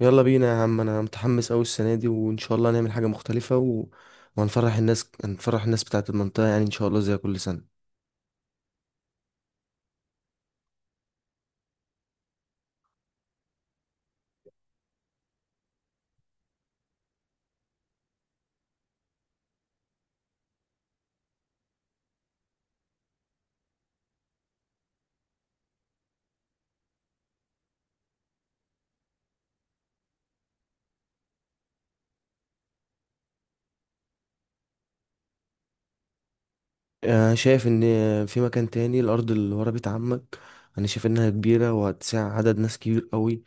يلا بينا يا عم، انا متحمس قوي السنه دي وان شاء الله نعمل حاجه مختلفه وهنفرح الناس، هنفرح الناس بتاعه المنطقه، يعني ان شاء الله زي كل سنه. شايف ان في مكان تاني، الارض اللي ورا بيت عمك. انا شايف انها كبيره وهتسع عدد ناس كبير قوي،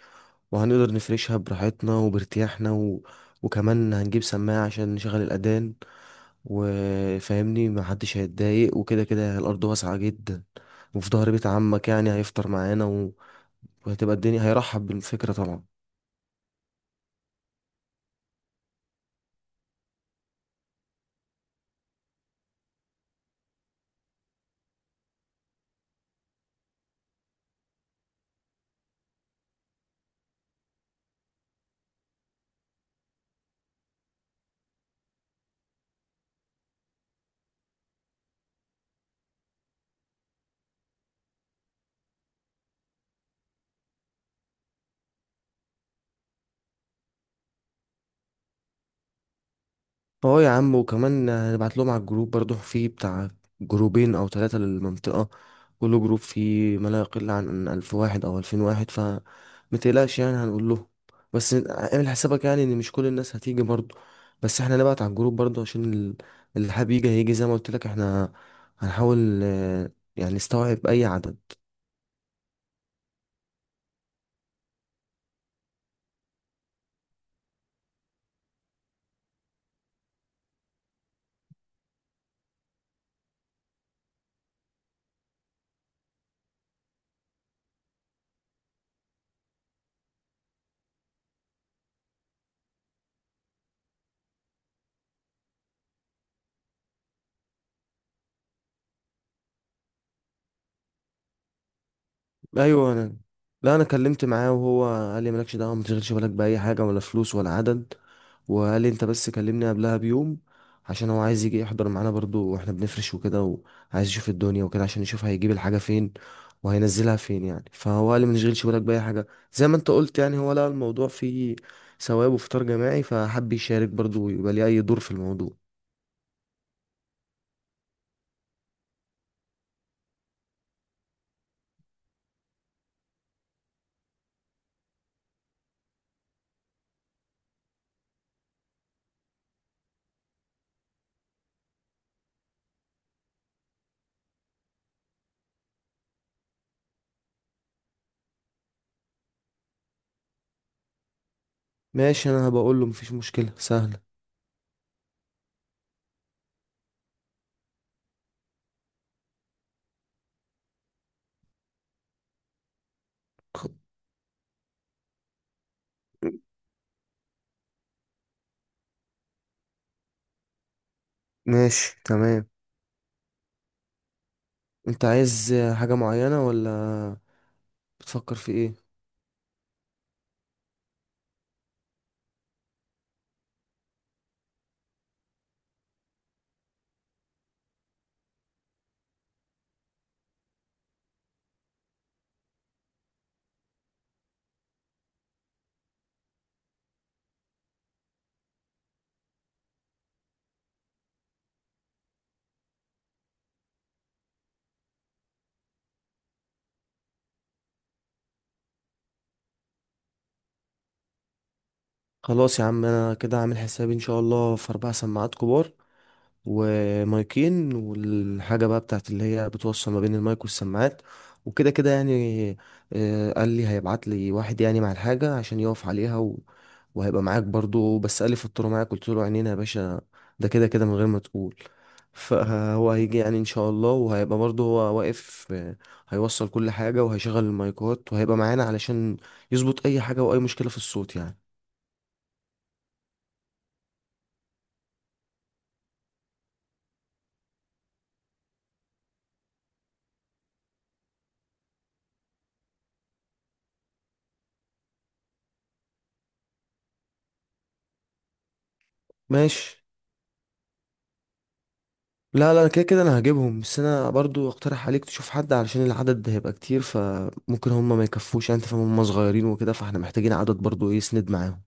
وهنقدر نفرشها براحتنا وبارتياحنا، وكمان هنجيب سماعه عشان نشغل الاذان، وفاهمني محدش هيتضايق، وكده كده الارض واسعه جدا، وفي ظهر بيت عمك يعني هيفطر معانا، وهتبقى الدنيا هيرحب بالفكره طبعا. اه يا عم، وكمان هنبعت لهم على الجروب برضو، في بتاع جروبين او 3 للمنطقة. كل جروب فيه ما لا يقل عن 1000 واحد او 2000 واحد، فمتقلقش يعني، هنقول لهم. بس اعمل حسابك يعني ان مش كل الناس هتيجي برضو، بس احنا نبعت على الجروب برضو عشان اللي حابب يجي هيجي. زي ما قلت لك احنا هنحاول يعني نستوعب اي عدد. ايوه انا، لا انا كلمت معاه وهو قال لي مالكش دعوه، ما تشغلش بالك باي حاجه ولا فلوس ولا عدد. وقال لي انت بس كلمني قبلها بيوم، عشان هو عايز يجي يحضر معانا برضو واحنا بنفرش وكده، وعايز يشوف الدنيا وكده عشان يشوف هيجيب الحاجة فين وهينزلها فين يعني. فهو قال لي ما تشغلش بالك بأي حاجة. زي ما انت قلت يعني، هو لقى الموضوع فيه ثواب وفطار جماعي، فحب يشارك برضو ويبقى ليه أي دور في الموضوع. ماشي، انا هبقول له، مفيش مشكلة سهلة. ماشي تمام. انت عايز حاجة معينة ولا بتفكر في ايه؟ خلاص يا عم، انا كده عامل حسابي ان شاء الله في 4 سماعات كبار ومايكين، والحاجة بقى بتاعت اللي هي بتوصل ما بين المايك والسماعات، وكده كده يعني. قال لي هيبعت لي واحد يعني مع الحاجة عشان يقف عليها، وهيبقى معاك برضو. بس قال لي فطروا معاك، قلت له عينينا يا باشا، ده كده كده من غير ما تقول. فهو هيجي يعني ان شاء الله، وهيبقى برضو هو واقف، هيوصل كل حاجة وهيشغل المايكات وهيبقى معانا علشان يظبط اي حاجة واي مشكلة في الصوت يعني. ماشي. لا لا كده كده انا هجيبهم، بس انا برضو اقترح عليك تشوف حد، علشان العدد ده هيبقى كتير، فممكن هم ما يكفوش يعني. انت فاهم، هم صغيرين وكده، فاحنا محتاجين عدد برضو ايه يسند معاهم.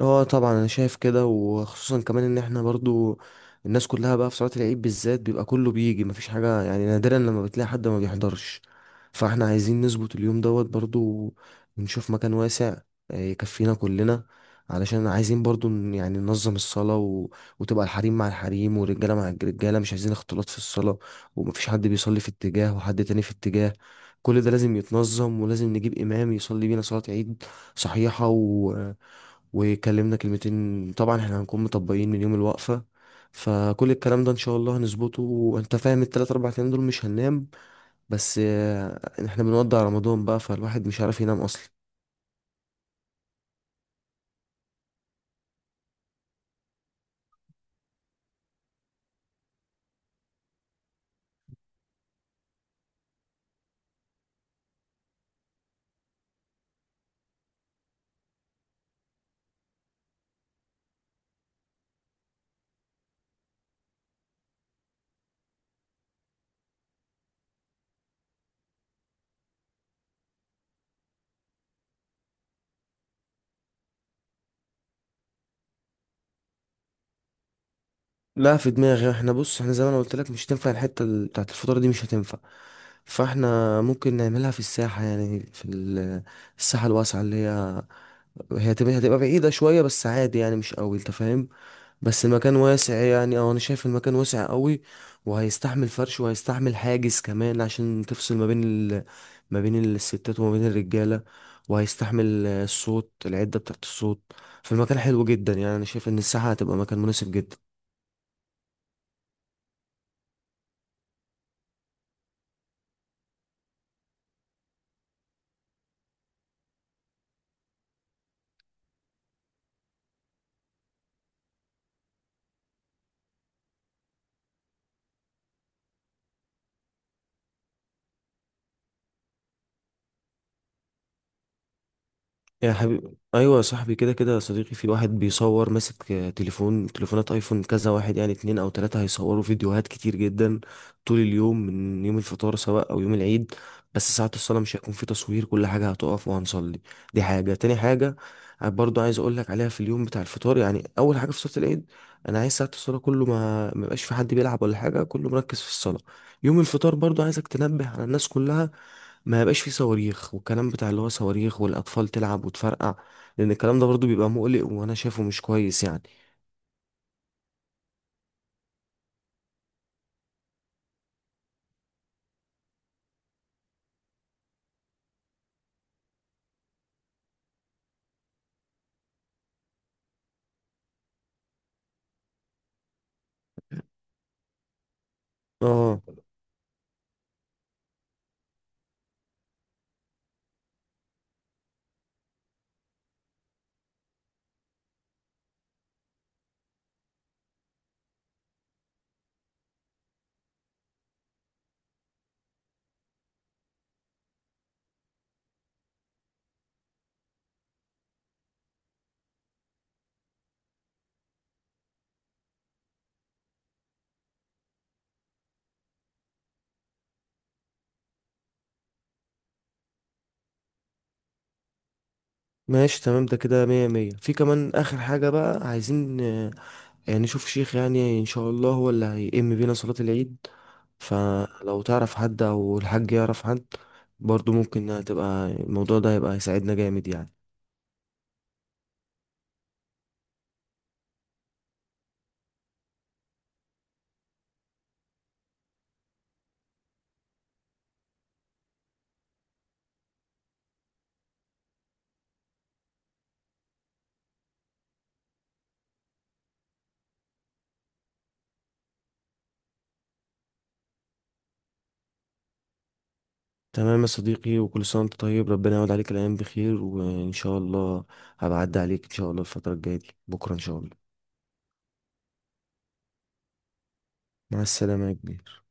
اه طبعا انا شايف كده، وخصوصا كمان ان احنا برضو الناس كلها بقى في صلاة العيد بالذات بيبقى كله بيجي، مفيش حاجة يعني، نادرا لما بتلاقي حد ما بيحضرش. فاحنا عايزين نظبط اليوم دوت برضو، ونشوف مكان واسع يكفينا كلنا، علشان عايزين برضو يعني ننظم الصلاة، وتبقى الحريم مع الحريم والرجالة مع الرجالة، مش عايزين اختلاط في الصلاة، ومفيش حد بيصلي في اتجاه وحد تاني في اتجاه. كل ده لازم يتنظم، ولازم نجيب إمام يصلي بينا صلاة عيد صحيحة، وكلمنا كلمتين. طبعا احنا هنكون مطبقين من يوم الوقفة، فكل الكلام ده ان شاء الله هنظبطه، وانت فاهم التلات اربع ايام دول مش هننام. بس احنا بنودع رمضان بقى، فالواحد مش عارف ينام اصلا. لا في دماغي، احنا بص، احنا زي ما انا قلت لك مش هتنفع، الحتة بتاعت الفطار دي مش هتنفع. فاحنا ممكن نعملها في الساحة، يعني في الساحة الواسعة اللي هي هتبقى بعيدة شوية، بس عادي يعني، مش قوي انت فاهم. بس المكان واسع يعني، او انا شايف المكان واسع قوي. وهيستحمل فرش، وهيستحمل حاجز كمان عشان تفصل ما بين ما بين الستات وما بين الرجاله، وهيستحمل الصوت، العده بتاعت الصوت. فالمكان حلو جدا يعني، انا شايف ان الساحه هتبقى مكان مناسب جدا. يا حبيبي، ايوه يا صاحبي، كده كده يا صديقي، في واحد بيصور ماسك تليفون، تليفونات ايفون كذا واحد يعني 2 او 3، هيصوروا فيديوهات كتير جدا طول اليوم، من يوم الفطار سواء او يوم العيد. بس ساعة الصلاة مش هيكون في تصوير، كل حاجة هتقف وهنصلي. دي حاجة. تاني حاجة برضو عايز اقول لك عليها في اليوم بتاع الفطار، يعني اول حاجة، في صلاة العيد انا عايز ساعة الصلاة كله ما يبقاش في حد بيلعب ولا حاجة، كله مركز في الصلاة. يوم الفطار برضو عايزك تنبه على الناس كلها ما يبقاش فيه صواريخ، والكلام بتاع اللي هو صواريخ، والاطفال تلعب وتفرقع، لان الكلام ده برضو بيبقى مقلق، وانا شايفه مش كويس يعني. اه ماشي تمام، ده كده مية مية. في كمان اخر حاجة بقى، عايزين يعني نشوف شيخ، يعني ان شاء الله هو اللي هيئم بينا صلاة العيد. فلو تعرف حد او الحاج يعرف حد برضو ممكن، هتبقى الموضوع ده هيبقى هيساعدنا جامد يعني. تمام يا صديقي، وكل سنة وانت طيب، ربنا يعود عليك الأيام بخير، وإن شاء الله هبعدي عليك إن شاء الله الفترة الجاية دي بكرة إن شاء الله. مع السلامة يا كبير.